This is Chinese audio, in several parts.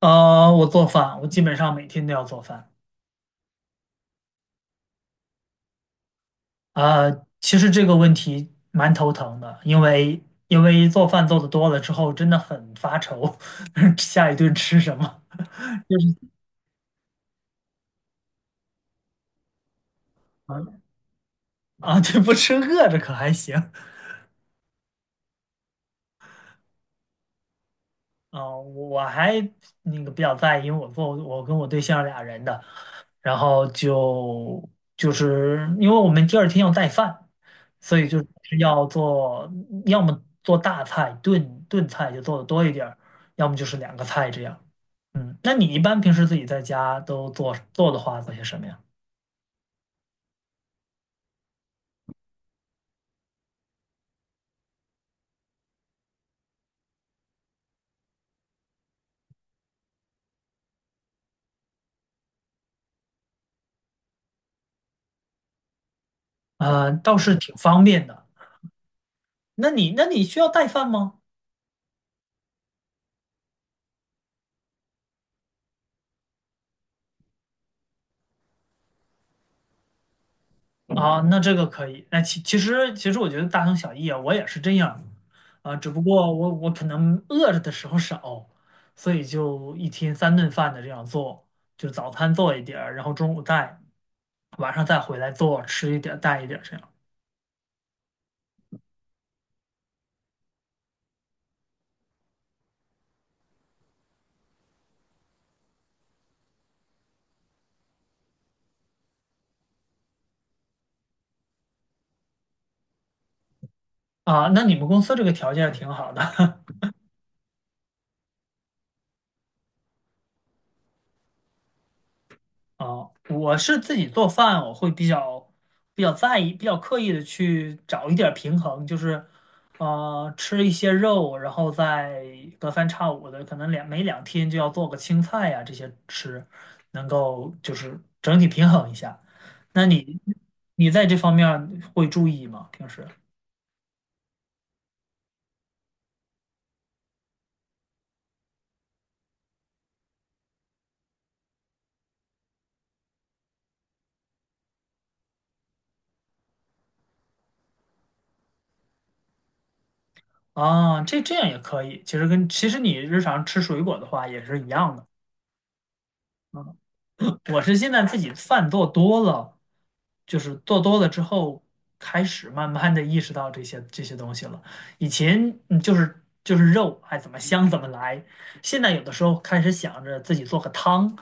我做饭，我基本上每天都要做饭。其实这个问题蛮头疼的，因为做饭做的多了之后，真的很发愁，下一顿吃什么 就是想啊，对，不吃饿着可还行啊，我还那个比较在意，因为我跟我对象俩人的，然后就是因为我们第二天要带饭，所以就是要做，要么做大菜炖菜就做的多一点儿，要么就是两个菜这样。嗯，那你一般平时自己在家都做的话，做些什么呀？啊、倒是挺方便的。那你需要带饭吗？啊，那这个可以。那其实我觉得大同小异啊，我也是这样啊，只不过我可能饿着的时候少，所以就一天三顿饭的这样做，就早餐做一点儿，然后中午带，晚上再回来做，吃一点儿带一点儿这样啊。那你们公司这个条件挺好的，啊，我是自己做饭，我会比较在意，比较刻意的去找一点儿平衡，就是，呃，吃一些肉，然后再隔三差五的，可能每2天就要做个青菜呀、这些吃，能够就是整体平衡一下。那你在这方面儿会注意吗？平时啊，这样也可以。其实其实你日常吃水果的话也是一样的。我是现在自己饭做多了，就是做多了之后，开始慢慢的意识到这些东西了。以前就是肉，哎，怎么香怎么来。现在有的时候开始想着自己做个汤，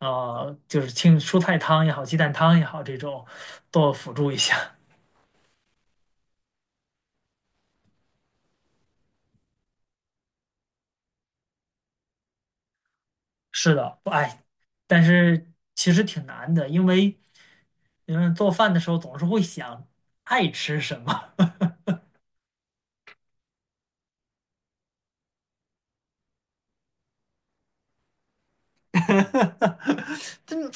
呃，就是清蔬菜汤也好，鸡蛋汤也好，这种多辅助一下。是的，哎，但是其实挺难的，因为做饭的时候总是会想爱吃什么。真，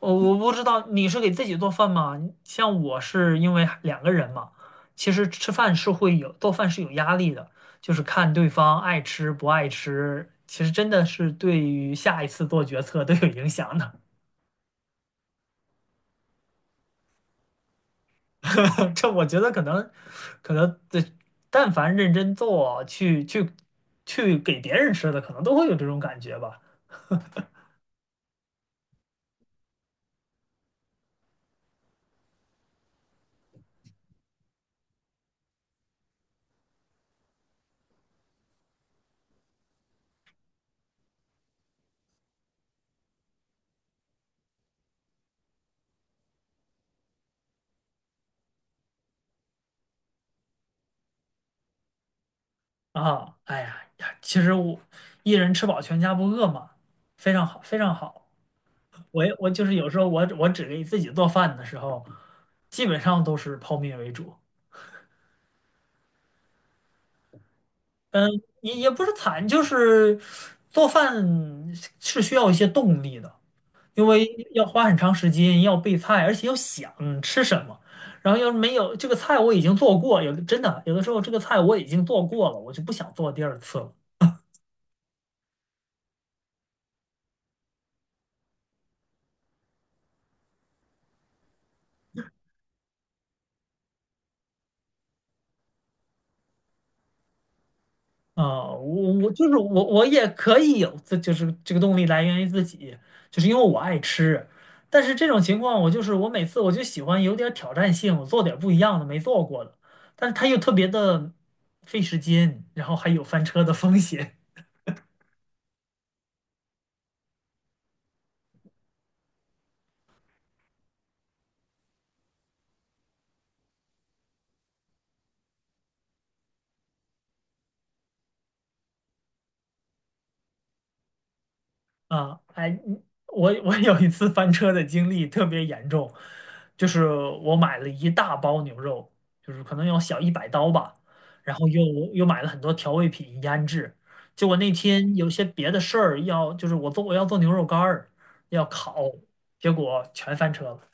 我不知道你是给自己做饭吗？像我是因为两个人嘛，其实吃饭是会有，做饭是有压力的，就是看对方爱吃不爱吃，其实真的是对于下一次做决策都有影响的。这我觉得可能，可能这但凡认真做，去给别人吃的，可能都会有这种感觉吧。啊，哎呀呀，其实我一人吃饱全家不饿嘛，非常好，非常好。我就是有时候我只给自己做饭的时候，基本上都是泡面为主。嗯，也不是惨，就是做饭是需要一些动力的，因为要花很长时间，要备菜，而且要想吃什么。然后要是没有这个菜我已经做过，有的时候这个菜我已经做过了，我就不想做第二次了。啊，我我就是我，我也可以有自，就是这个动力来源于自己，就是因为我爱吃。但是这种情况，我每次我就喜欢有点挑战性，我做点不一样的，没做过的。但是它又特别的费时间，然后还有翻车的风险。啊，哎，我有一次翻车的经历特别严重，就是我买了一大包牛肉，就是可能要小100刀吧，然后又买了很多调味品腌制，结果那天有些别的事儿要，我要做牛肉干儿，要烤，结果全翻车了。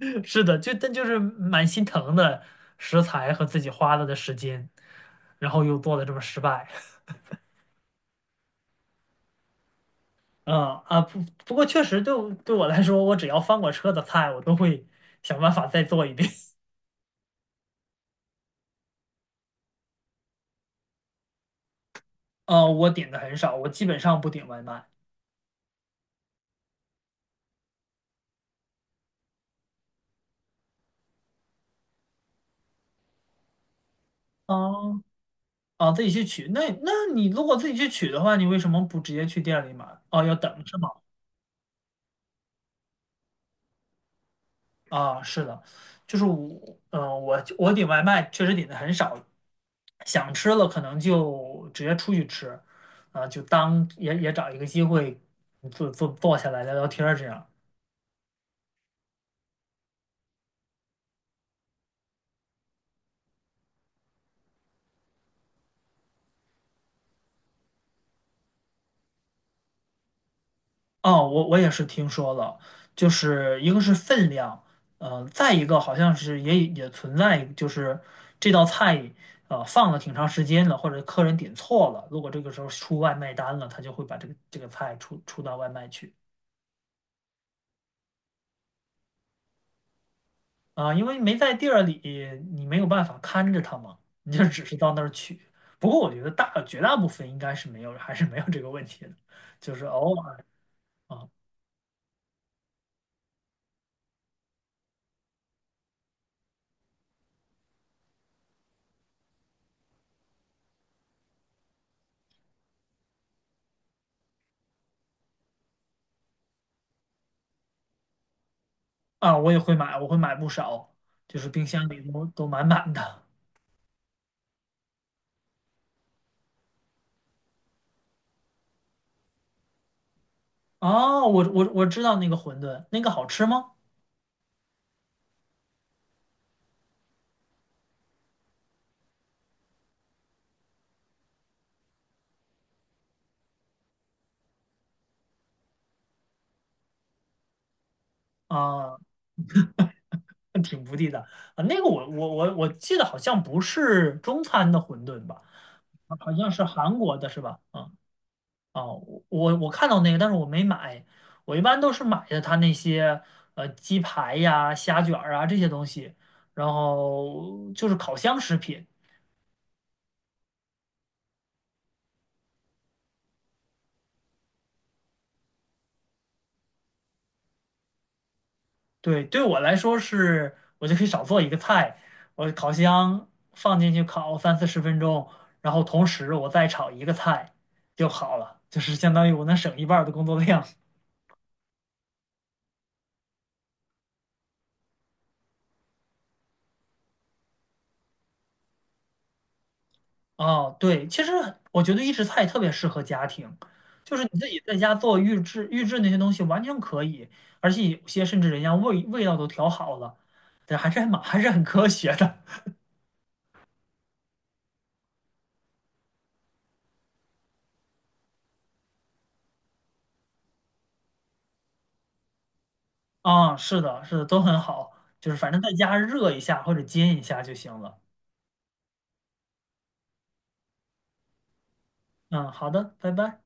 是的，就是蛮心疼的食材和自己花了的时间，然后又做的这么失败。嗯啊不不过确实对我来说，我只要翻过车的菜，我都会想办法再做一遍。啊，我点的很少，我基本上不点外卖。哦啊，自己去取。那你如果自己去取的话，你为什么不直接去店里买？哦，要等是吗？啊，是的，就是我，嗯、我点外卖确实点的很少，想吃了可能就直接出去吃，啊，就当也找一个机会坐下来聊聊天儿这样。哦，我也是听说了，就是一个是分量，呃，再一个好像是也存在，就是这道菜呃放了挺长时间了，或者客人点错了，如果这个时候出外卖单了，他就会把这个菜出到外卖去啊，因为没在地儿里，你没有办法看着他嘛，你就只是到那儿取。不过我觉得绝大部分应该是没有，还是没有这个问题的，就是偶尔啊啊，我也会买，我会买不少，就是冰箱里都满满的。哦，我我知道那个馄饨，那个好吃吗？啊，挺不地道啊。那个我我记得好像不是中餐的馄饨吧，啊好像是韩国的是吧？啊啊，我我看到那个，但是我没买。我一般都是买的他那些呃鸡排呀、虾卷儿啊这些东西，然后就是烤箱食品。对，对我来说是，我就可以少做一个菜，我烤箱放进去烤30-40分钟，然后同时我再炒一个菜就好了，就是相当于我能省一半儿的工作量。哦，对，其实我觉得预制菜特别适合家庭，就是你自己在家做预制那些东西完全可以，而且有些甚至人家味道都调好了，对，还是很科学的。啊、是的，是的，都很好，就是反正在家热一下或者煎一下就行了。嗯，好的，拜拜。